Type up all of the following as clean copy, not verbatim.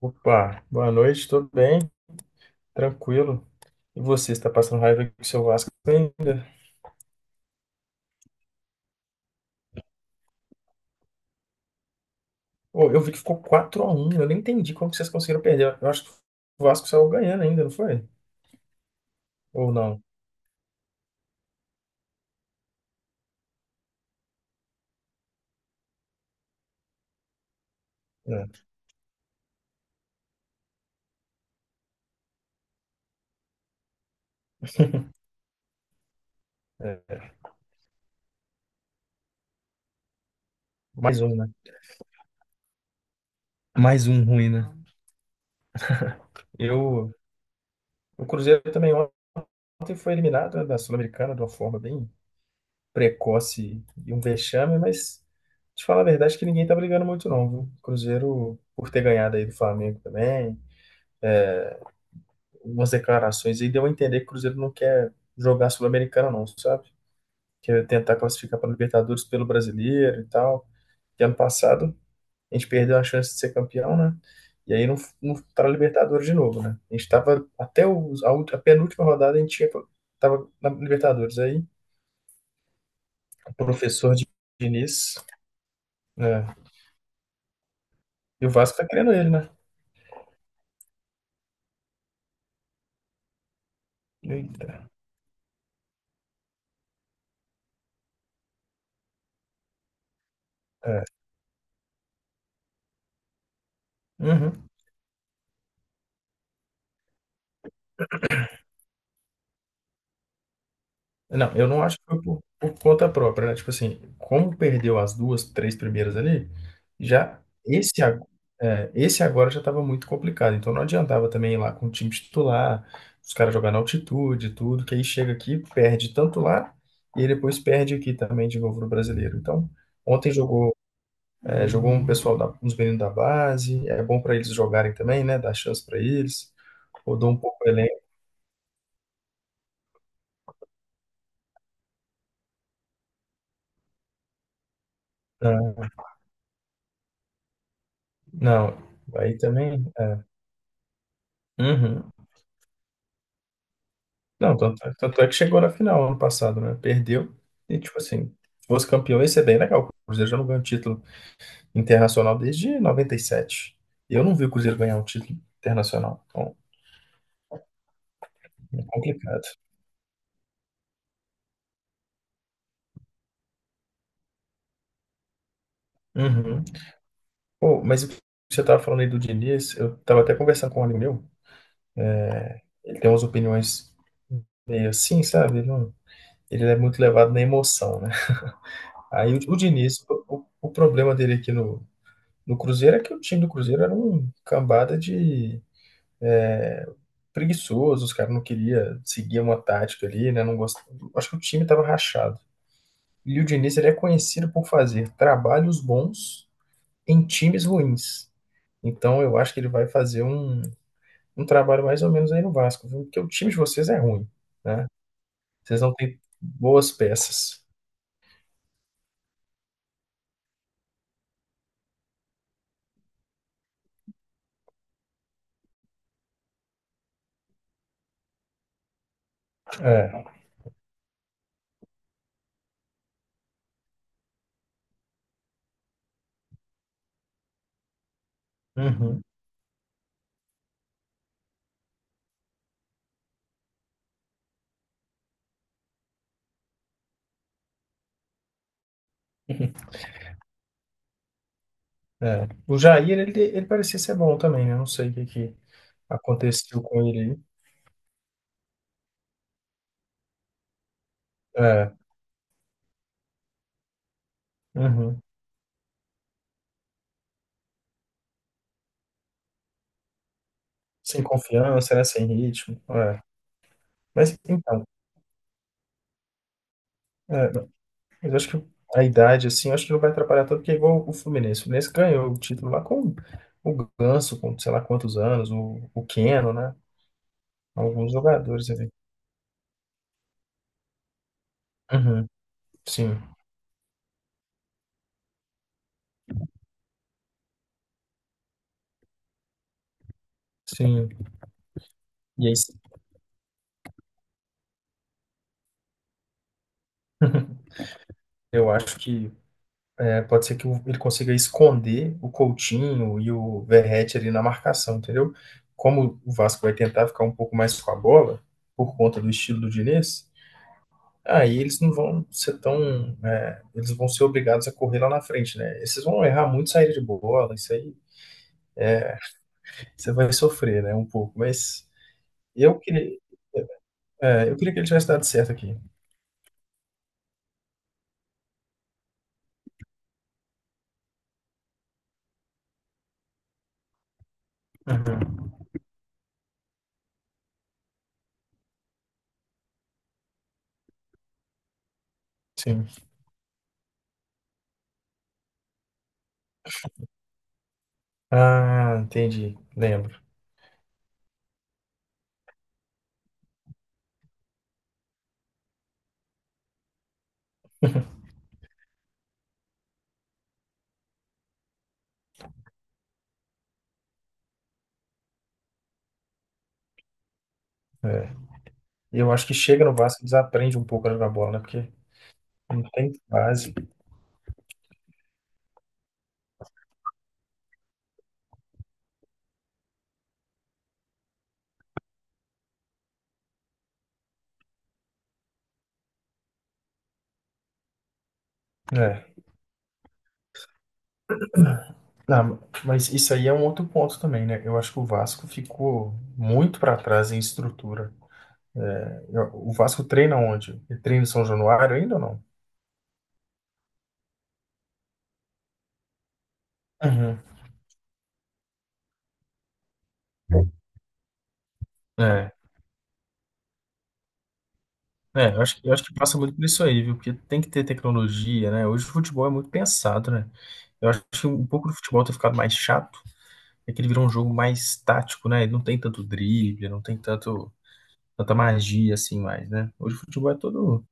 Opa, boa noite, tudo bem? Tranquilo. E você, está passando raiva com o seu Vasco ainda? Ô, eu vi que ficou quatro a um. Eu nem entendi como que vocês conseguiram perder. Eu acho que o Vasco saiu ganhando ainda, não foi? Ou não? É, é. Mais um, né? Mais um ruim, né? Eu, o Cruzeiro também ontem foi eliminado, né, da Sul-Americana de uma forma bem precoce e um vexame, mas te falar a verdade que ninguém tá brigando muito não, viu? O Cruzeiro, por ter ganhado aí do Flamengo também, umas declarações aí deu a entender que o Cruzeiro não quer jogar Sul-Americana, não, sabe? Quer tentar classificar para Libertadores pelo Brasileiro e tal. E ano passado a gente perdeu a chance de ser campeão, né? E aí não, não tá na Libertadores de novo, né? A gente tava até a penúltima rodada a gente tinha, tava na Libertadores. Aí o professor de Diniz, né? E o Vasco tá querendo ele, né? Eita. É. Uhum. Não, eu não acho que foi por conta própria, né? Tipo assim, como perdeu as duas, três primeiras ali, já esse, ag- é, esse agora já estava muito complicado. Então não adiantava também ir lá com o time titular, os caras jogar na altitude, e tudo, que aí chega aqui, perde tanto lá, e aí depois perde aqui também de novo no brasileiro. Então, ontem jogou, é, jogou um pessoal, da, uns meninos da base, é bom para eles jogarem também, né? Dar chance para eles, rodou um pouco o elenco. Não, não, aí também. Uhum. Não, tanto é que chegou na final ano passado, né? Perdeu. E, tipo assim, se fosse campeão, ia ser bem legal. O Cruzeiro já não ganha um título internacional desde 97. E sete. E eu não vi o Cruzeiro ganhar um título internacional. Então, é complicado. Uhum. Pô, mas o que você tava falando aí do Diniz, eu tava até conversando com um amigo meu. Ele tem umas opiniões meio assim, sabe? Ele, não- ele é muito levado na emoção, né? Aí o Diniz, o problema dele aqui no Cruzeiro é que o time do Cruzeiro era um cambada de É, preguiçoso, os caras não queriam seguir uma tática ali, né? Não gost... Acho que o time estava rachado. E o Diniz ele é conhecido por fazer trabalhos bons em times ruins. Então eu acho que ele vai fazer um, um trabalho mais ou menos aí no Vasco, viu? Porque o time de vocês é ruim, né? Vocês não têm boas peças. É. Uhum. É. O Jair, ele parecia ser bom também, né? Não sei o que, que aconteceu com ele aí. É. Uhum. Sem confiança, né? Sem ritmo. É. Mas então, é, mas acho que a idade, assim, acho que não vai atrapalhar tanto, porque é igual o Fluminense. O Fluminense ganhou o título lá com o Ganso, com sei lá quantos anos, o Keno, né? Alguns jogadores ali. Uhum, sim, sim. E aí, sim, eu acho que é, pode ser que o- ele consiga esconder o Coutinho e o Verratti ali na marcação, entendeu? Como o Vasco vai tentar ficar um pouco mais com a bola, por conta do estilo do Diniz, aí eles não vão ser tão. É, eles vão ser obrigados a correr lá na frente, né? Esses vão errar muito saída de bola, isso aí você vai sofrer, né? Um pouco. Mas eu queria, é, eu queria que ele tivesse dado certo aqui. Uhum, sim. Ah, entendi. Lembro. É. E eu acho que chega no Vasco e desaprende um pouco a jogar bola, né? Porque não tem base. É. Não, mas isso aí é um outro ponto também, né? Eu acho que o Vasco ficou muito para trás em estrutura. É, o Vasco treina onde? Ele treina em São Januário ainda ou não? Uhum. É, é, eu acho, eu acho que passa muito por isso aí, viu? Porque tem que ter tecnologia, né? Hoje o futebol é muito pensado, né? Eu acho que um pouco do futebol ter ficado mais chato é que ele virou um jogo mais tático, né? Ele não tem tanto drible, não tem tanto, tanta magia assim mais, né? Hoje o futebol é todo.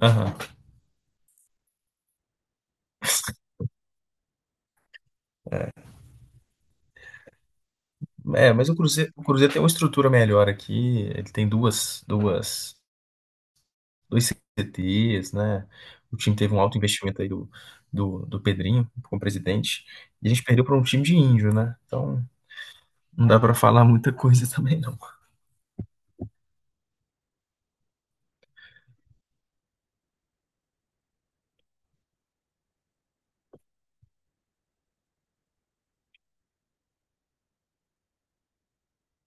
Aham. É, mas o Cruzeiro tem uma estrutura melhor aqui. Ele tem duas dois CTs, né? O time teve um alto investimento aí do Pedrinho como presidente. E a gente perdeu para um time de índio, né? Então não dá para falar muita coisa também, não.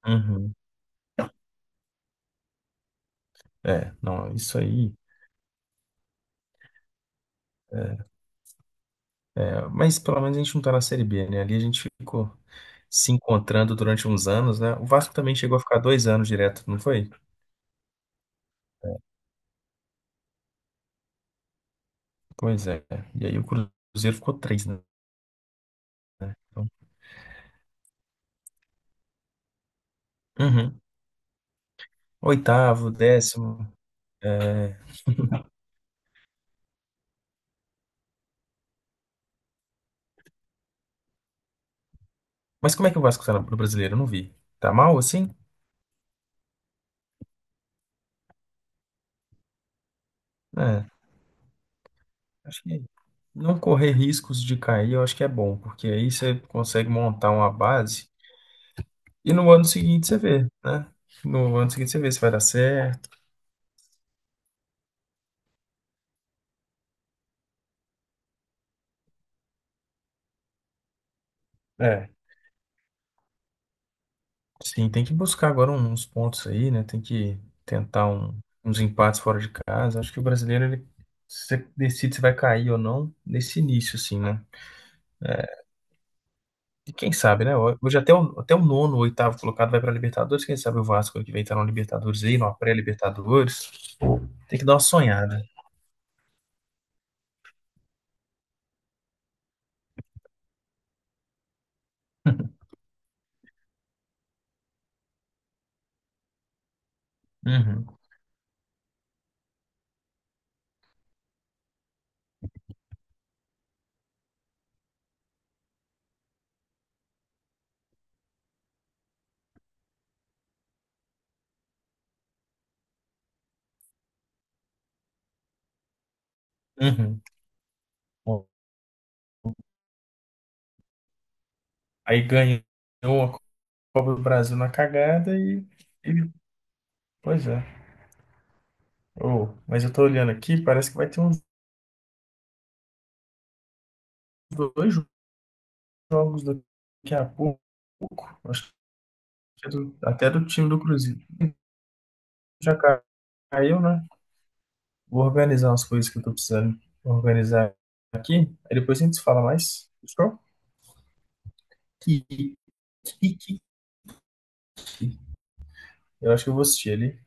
Uhum. É, não, isso aí. É, mas pelo menos a gente não tá na Série B, né? Ali a gente ficou se encontrando durante uns anos, né? O Vasco também chegou a ficar dois anos direto, não foi? Pois é. E aí o Cruzeiro ficou três, né? Então, uhum. Oitavo, décimo. É. Mas como é que o Vasco tá no brasileiro? Eu não vi. Tá mal assim? É, acho que não correr riscos de cair, eu acho que é bom, porque aí você consegue montar uma base e no ano seguinte você vê, né? No ano seguinte você vê se vai dar certo. É. Sim, tem que buscar agora uns pontos aí, né? Tem que tentar um- uns empates fora de casa. Acho que o brasileiro, ele se você decide se vai cair ou não nesse início, assim, né? E quem sabe, né? Hoje até até o nono, o oitavo colocado vai para Libertadores. Quem sabe o Vasco que vem estar na Libertadores aí, numa pré-Libertadores. Tem que dar uma sonhada. Uhum, uhum. Bom, aí ganhou a Copa do Brasil na cagada e- pois é. Oh, mas eu tô olhando aqui, parece que vai ter uns dois jogos daqui a pouco. Acho que até do time do Cruzeiro. Já caiu, né? Vou organizar umas coisas que eu tô precisando organizar aqui. Aí depois a gente se fala mais. Fechou? Que, que. Eu acho que eu vou assistir ali.